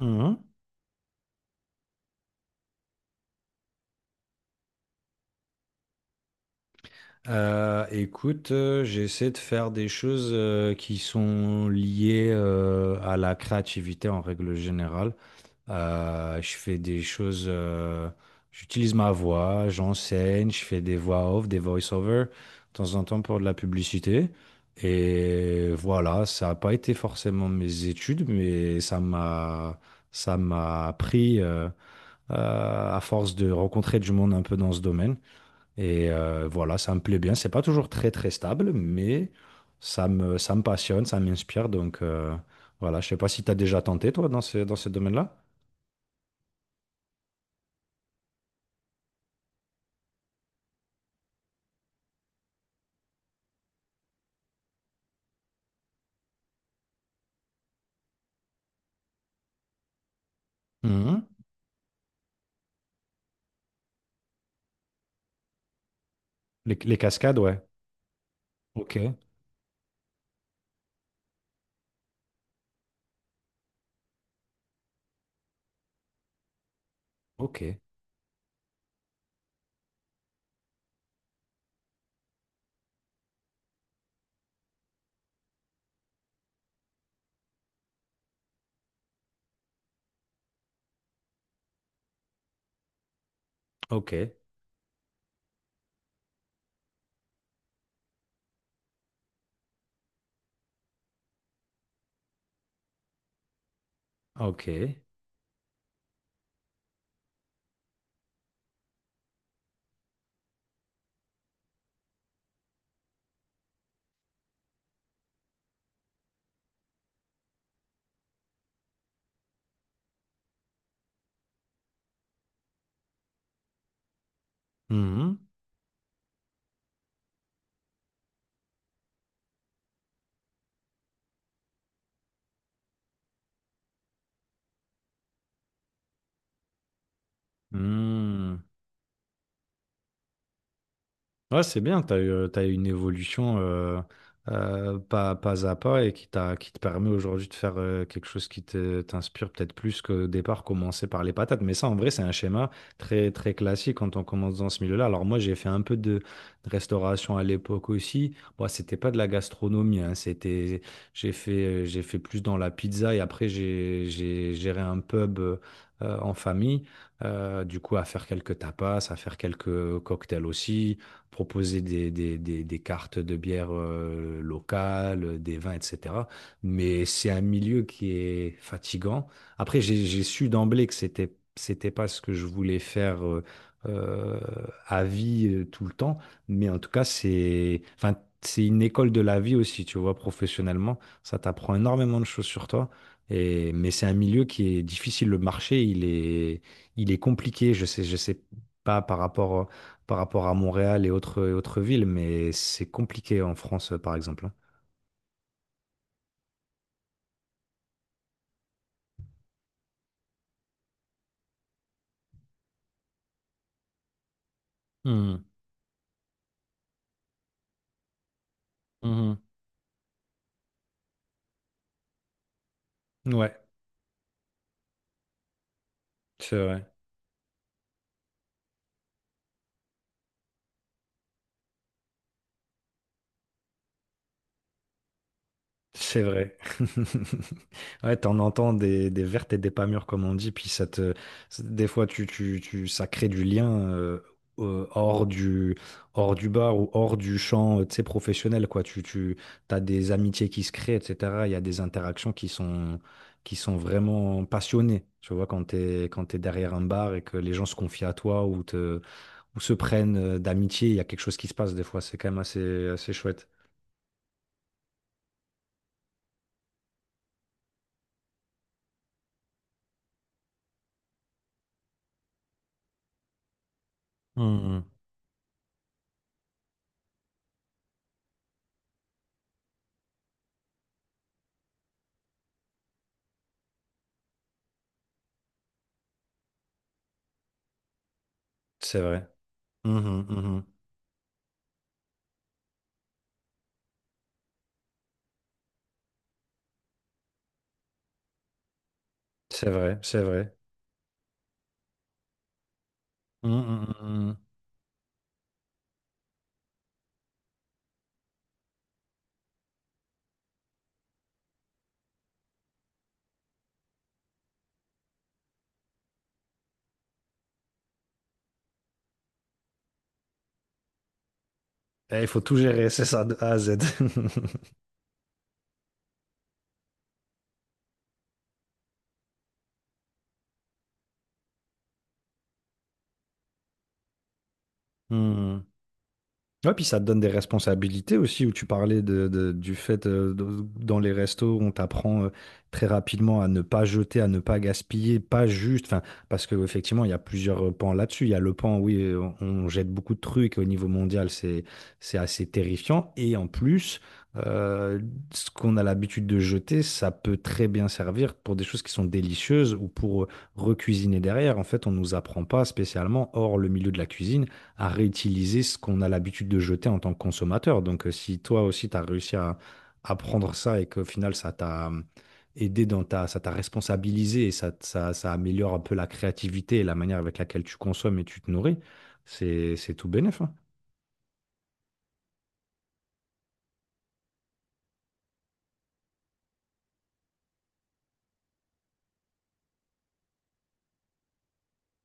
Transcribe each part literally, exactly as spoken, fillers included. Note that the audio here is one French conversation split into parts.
Mhm. Euh, écoute, euh, j'essaie de faire des choses euh, qui sont liées euh, à la créativité en règle générale. Euh, je fais des choses, euh, j'utilise ma voix, j'enseigne, je fais des voix off, des voice-over, de temps en temps pour de la publicité. Et voilà, ça n'a pas été forcément mes études, mais ça m'a, ça m'a appris euh, euh, à force de rencontrer du monde un peu dans ce domaine. Et euh, voilà, ça me plaît bien. C'est pas toujours très très stable, mais ça me, ça me passionne, ça m'inspire. Donc euh, voilà, je sais pas si tu as déjà tenté, toi, dans ce, dans ce domaine-là. Mhm. Les, les cascades, ouais. Ok, ok, ok, ok. Mhm. Mhm. Ouais, c'est bien, tu as eu, t'as eu une évolution euh, euh, pas, pas à pas et qui t'a, qui te permet aujourd'hui de faire euh, quelque chose qui te- t'inspire peut-être plus qu'au départ, commencer par les patates. Mais ça, en vrai, c'est un schéma très, très classique quand on commence dans ce milieu-là. Alors moi, j'ai fait un peu de de restauration à l'époque aussi. Bon, c'était pas de la gastronomie, hein, c'était, j'ai fait, euh, j'ai fait plus dans la pizza et après, j'ai, j'ai géré un pub euh, en famille. Euh, du coup, à faire quelques tapas, à faire quelques cocktails aussi proposer des, des- des- des cartes de bière euh, locales, euh, des vins, et cetera. Mais c'est un milieu qui est fatigant. Après, j'ai, j'ai su d'emblée que c'était, c'était pas ce que je voulais faire euh, euh, à vie euh, tout le temps. Mais en tout cas, c'est, enfin, c'est une école de la vie aussi, tu vois, professionnellement. Ça t'apprend énormément de choses sur toi. Et, mais c'est un milieu qui est difficile. Le marché, il est, il est compliqué. Je sais, je sais pas par rapport par rapport à Montréal et autres, et autres villes, mais c'est compliqué en France, euh, par exemple, hein. Hmm. Mhm. Ouais, c'est vrai. C'est vrai. Ouais, t'en entends des, des vertes et des pas mûres, comme on dit, puis ça te, des fois, tu, tu, tu, ça crée du lien euh, euh, hors du, hors du bar ou hors du champ, euh, tu sais, professionnel, quoi. Tu, tu, t'as des amitiés qui se créent, et cetera. Il y a des interactions qui sont, qui sont vraiment passionnées, tu vois, quand t'es, quand t'es derrière un bar et que les gens se confient à toi ou te, ou se prennent euh, d'amitié, il y a quelque chose qui se passe des fois. C'est quand même assez, assez chouette. Mhm. C'est vrai. Mhm, mhm. C'est vrai, c'est vrai. Hum, hum, hum, hum. Eh, il faut tout gérer, c'est ça, de A à Z. Hum. Ouais, puis ça te donne des responsabilités aussi, où tu parlais de, de- du fait, euh, de- dans les restos, on t'apprend euh, très rapidement à ne pas jeter, à ne pas gaspiller, pas juste, enfin, parce qu'effectivement, il y a plusieurs euh, pans là-dessus. Il y a le pan, oui, euh, on, on jette beaucoup de trucs au niveau mondial, c'est, c'est assez terrifiant. Et en plus, euh, ce qu'on a l'habitude de jeter, ça peut très bien servir pour des choses qui sont délicieuses ou pour euh, recuisiner derrière. En fait, on nous apprend pas spécialement, hors le milieu de la cuisine à réutiliser ce qu'on a l'habitude de jeter en tant que consommateur. Donc, euh, si toi aussi, tu as réussi à apprendre ça et qu'au final, ça t'a euh, aidé dans ta, ça t'a responsabilisé et ça, t- ça, ça améliore un peu la créativité et la manière avec laquelle tu consommes et tu te nourris, c'est, c'est tout bénef, hein.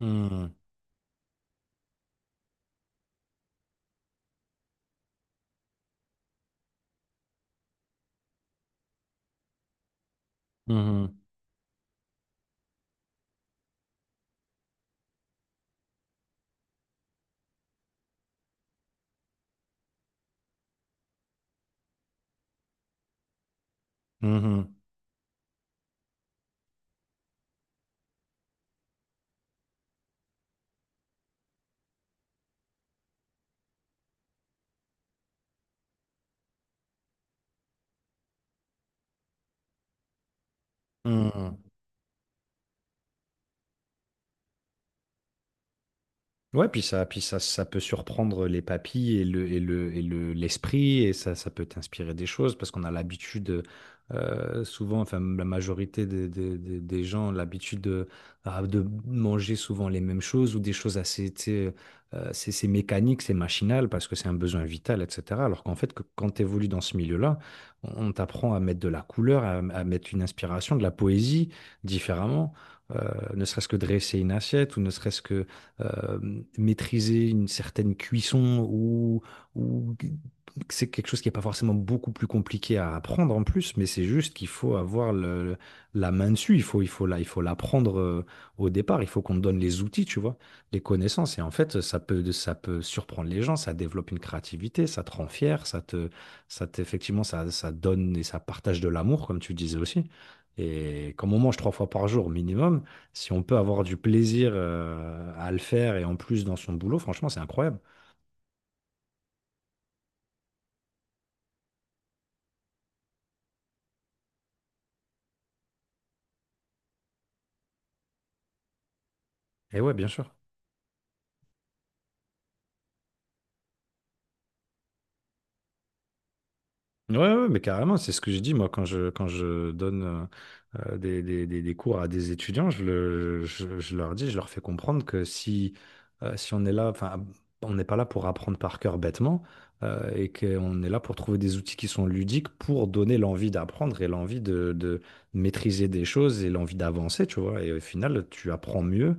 Mhm. Mhm. Mhm. Mhm. Ouais, puis ça, puis ça, ça peut surprendre les papilles et le, et le, et le, l'esprit, et ça, ça peut t'inspirer des choses parce qu'on a l'habitude, euh, souvent, enfin, la majorité des, des, des des gens ont l'habitude de, ah, de manger souvent les mêmes choses ou des choses assez, tu sais, euh, c'est c'est mécanique, c'est machinal parce que c'est un besoin vital, et cetera. Alors qu'en fait, que, quand tu évolues dans ce milieu-là, on, on t'apprend à mettre de la couleur, à, à mettre une inspiration, de la poésie différemment, euh, ne serait-ce que dresser une assiette ou ne serait-ce que euh, maîtriser une certaine cuisson ou, ou c'est quelque chose qui n'est pas forcément beaucoup plus compliqué à apprendre en plus, mais c'est juste qu'il faut avoir le- la main dessus, il faut, il faut, la- il faut l'apprendre euh, au départ, il faut qu'on te donne les outils, tu vois, les connaissances. Et en fait, ça peut, ça peut surprendre les gens, ça développe une créativité, ça te rend fier, ça te, ça te- effectivement, ça, ça donne et ça partage de l'amour, comme tu disais aussi. Et comme on mange trois fois par jour minimum, si on peut avoir du plaisir euh, à le faire et en plus dans son boulot, franchement, c'est incroyable. Et ouais, bien sûr. Ouais, ouais, ouais, mais carrément, c'est ce que je dis moi quand je, quand je donne euh, euh, des, des- des- des cours à des étudiants, je, le- je- je leur dis, je leur fais comprendre que si, euh, si on est là, enfin, on n'est pas là pour apprendre par cœur bêtement euh, et qu'on est là pour trouver des outils qui sont ludiques pour donner l'envie d'apprendre et l'envie de, de maîtriser des choses et l'envie d'avancer, tu vois. Et au final, tu apprends mieux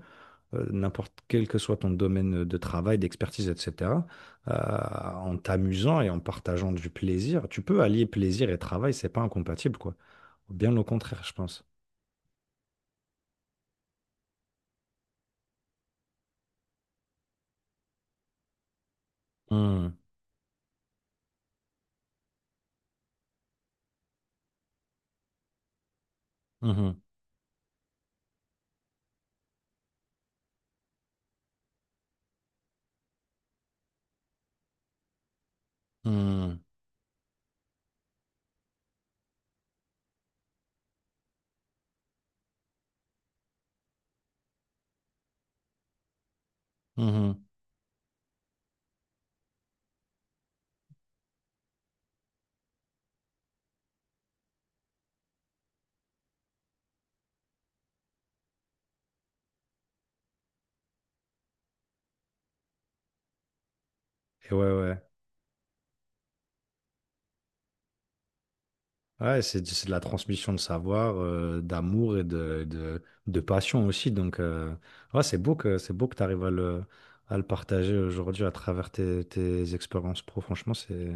euh, n'importe quel que soit ton domaine de travail, d'expertise, et cetera, euh, en t'amusant et en partageant du plaisir, tu peux allier plaisir et travail, c'est pas incompatible, quoi. Bien au contraire, je pense. Mhm, mhm, mhm, mhm. Et ouais, ouais. Ouais, c'est c'est de la transmission de savoir, euh, d'amour et de, de, de passion aussi. Donc, euh, ouais, c'est beau que, c'est beau que tu arrives à le, à le partager aujourd'hui à travers tes, tes expériences pro. Franchement, c'est,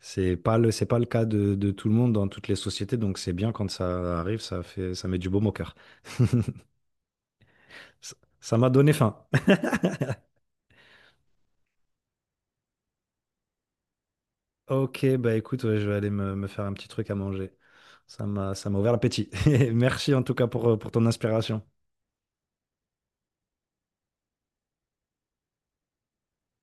C'est pas le, c'est pas le cas de, de tout le monde dans toutes les sociétés, donc c'est bien quand ça arrive, ça fait, ça met du baume au cœur. Ça Ça m'a donné faim. Ok, bah écoute, ouais, je vais aller me, me faire un petit truc à manger. Ça m'a, ça m'a ouvert l'appétit. Merci en tout cas pour, euh, pour ton inspiration.